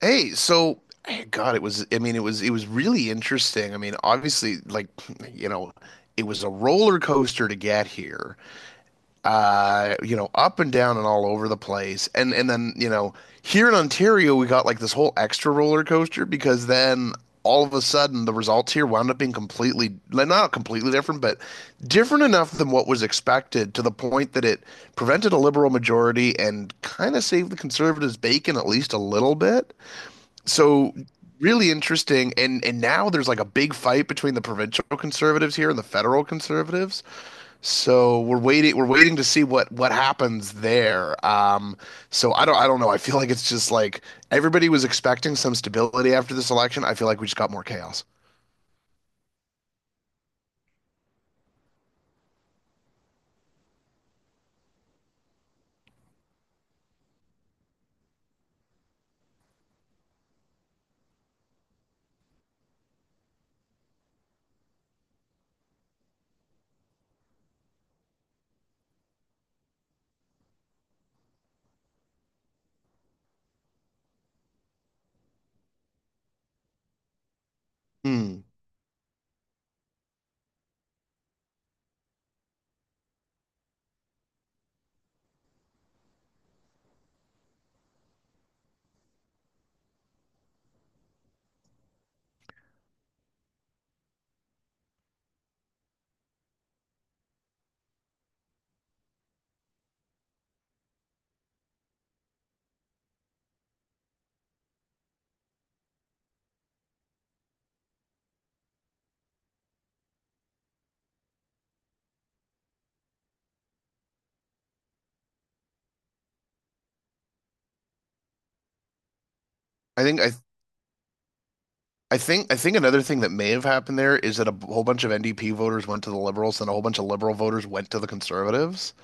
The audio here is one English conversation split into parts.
Hey, so God, it was, it was really interesting. I mean, obviously, you know, it was a roller coaster to get here, up and down and all over the place. And then, here in Ontario, we got like this whole extra roller coaster because then all of a sudden the results here wound up being completely, like, not completely different, but different enough than what was expected to the point that it prevented a liberal majority and kind of saved the conservatives' bacon at least a little bit. So really interesting, and now there's like a big fight between the provincial conservatives here and the federal conservatives. So we're waiting to see what happens there. I don't know, I feel like it's just like everybody was expecting some stability after this election. I feel like we just got more chaos. Hmm. i think i I think another thing that may have happened there is that whole bunch of NDP voters went to the Liberals, and a whole bunch of Liberal voters went to the Conservatives.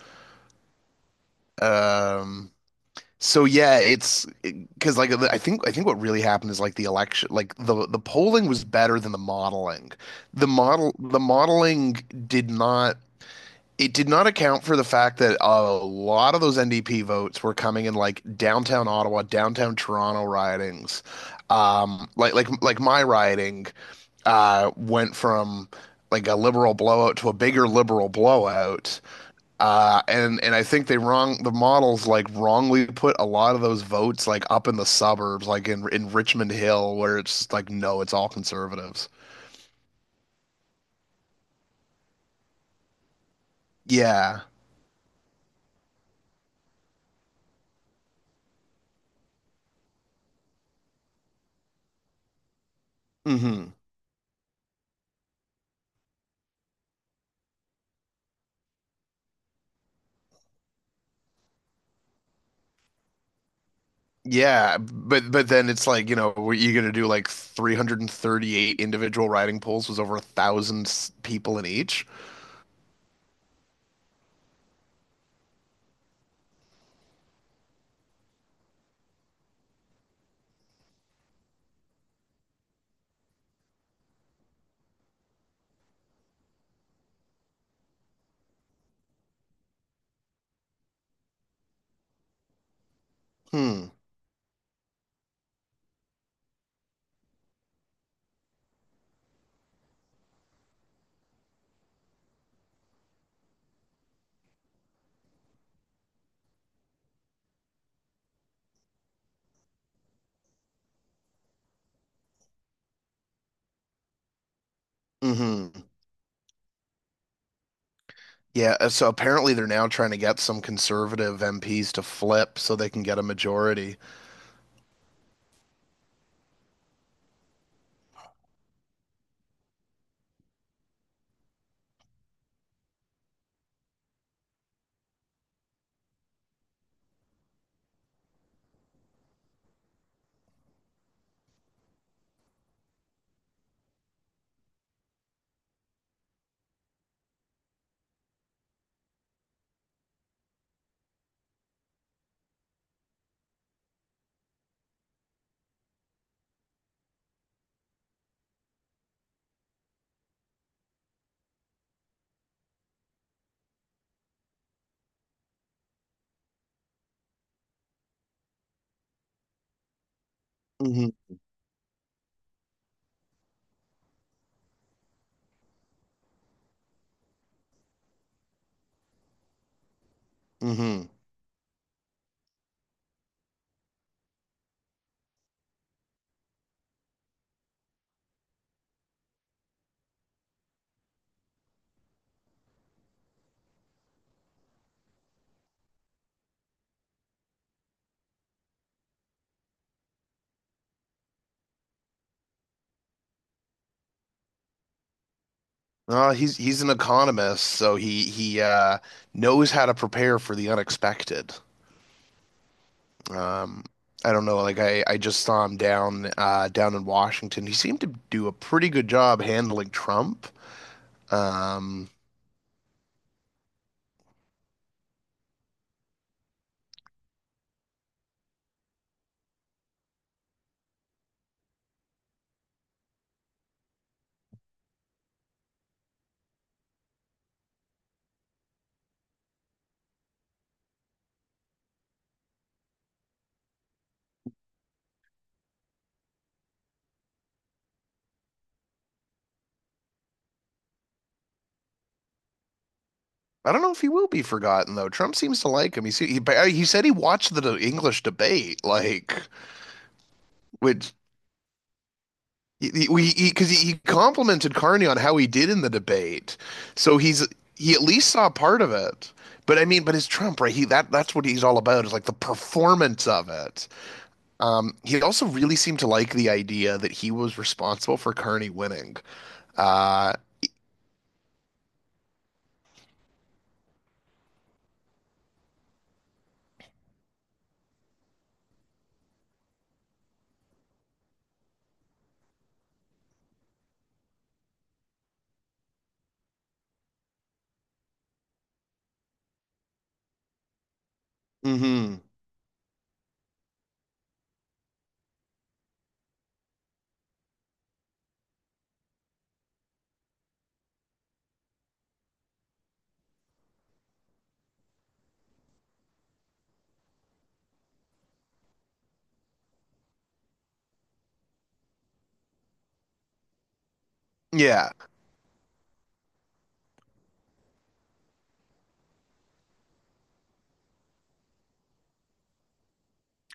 Um, So yeah, it's because like I think what really happened is like the polling was better than the modeling. The modeling did not, it did not account for the fact that a lot of those NDP votes were coming in like downtown Ottawa, downtown Toronto ridings, like my riding went from like a liberal blowout to a bigger liberal blowout. And I think they wrong, the models like wrongly put a lot of those votes like up in the suburbs, like in Richmond Hill, where it's just like no, it's all conservatives. Yeah. hmm Yeah, but then it's like, you know, what you gonna do, like 338 individual riding polls was over 1,000 people in each. Hmm. hmm Yeah, so apparently they're now trying to get some conservative MPs to flip so they can get a majority. hmm hmm No, he's an economist, so he knows how to prepare for the unexpected. Um, I don't know, like I just saw him down down in Washington. He seemed to do a pretty good job handling Trump. Um, I don't know if he will be forgotten though. Trump seems to like him. He said he watched the English debate, like which He, we because he complimented Carney on how he did in the debate, so he at least saw part of it. But I mean, but it's Trump, right? He that that's what he's all about, is like the performance of it. He also really seemed to like the idea that he was responsible for Carney winning. Uh, hmm. Yeah.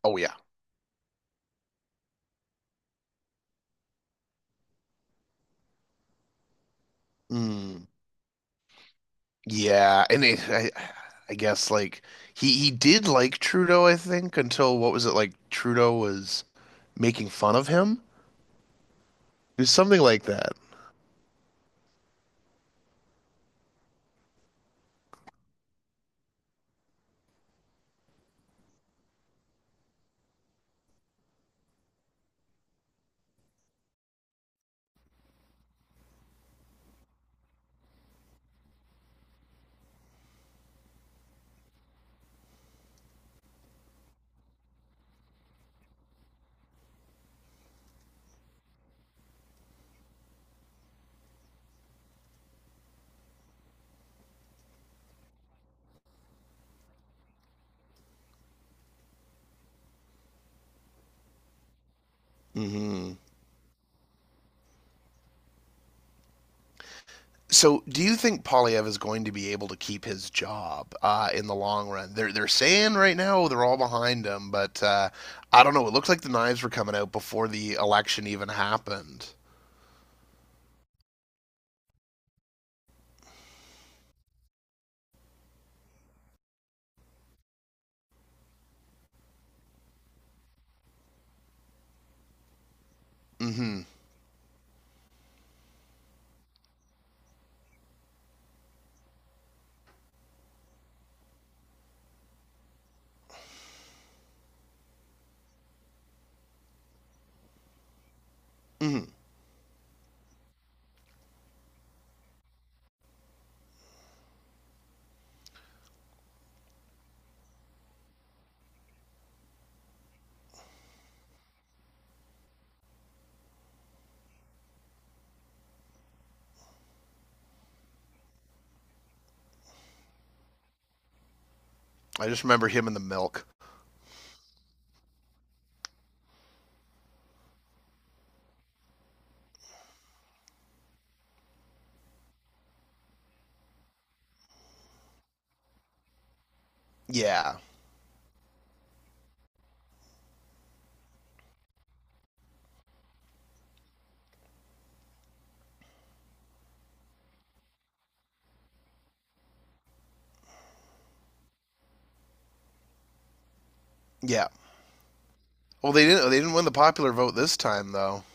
Oh yeah. Mm. Yeah. And I guess like he did like Trudeau, I think, until what was it, like Trudeau was making fun of him. There's something like that. Mm-hmm. So, do you think Polyev is going to be able to keep his job in the long run? They're saying right now they're all behind him, but I don't know. It looks like the knives were coming out before the election even happened. Mm-hmm. Mm-hmm. I just remember him and the milk. Yeah, yeah. Well, they didn't win the popular vote this time though.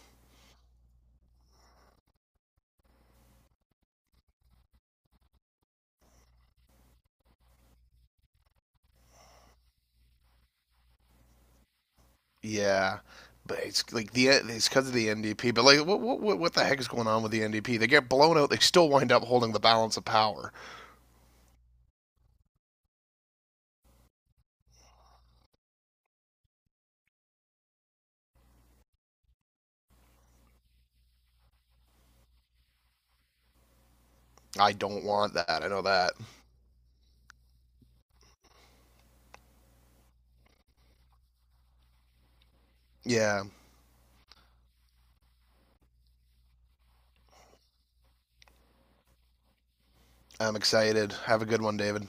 Yeah. But it's like the it's because of the NDP. But like, what the heck is going on with the NDP? They get blown out. They still wind up holding the balance of power. I don't want that. I know that. Yeah, I'm excited. Have a good one, David.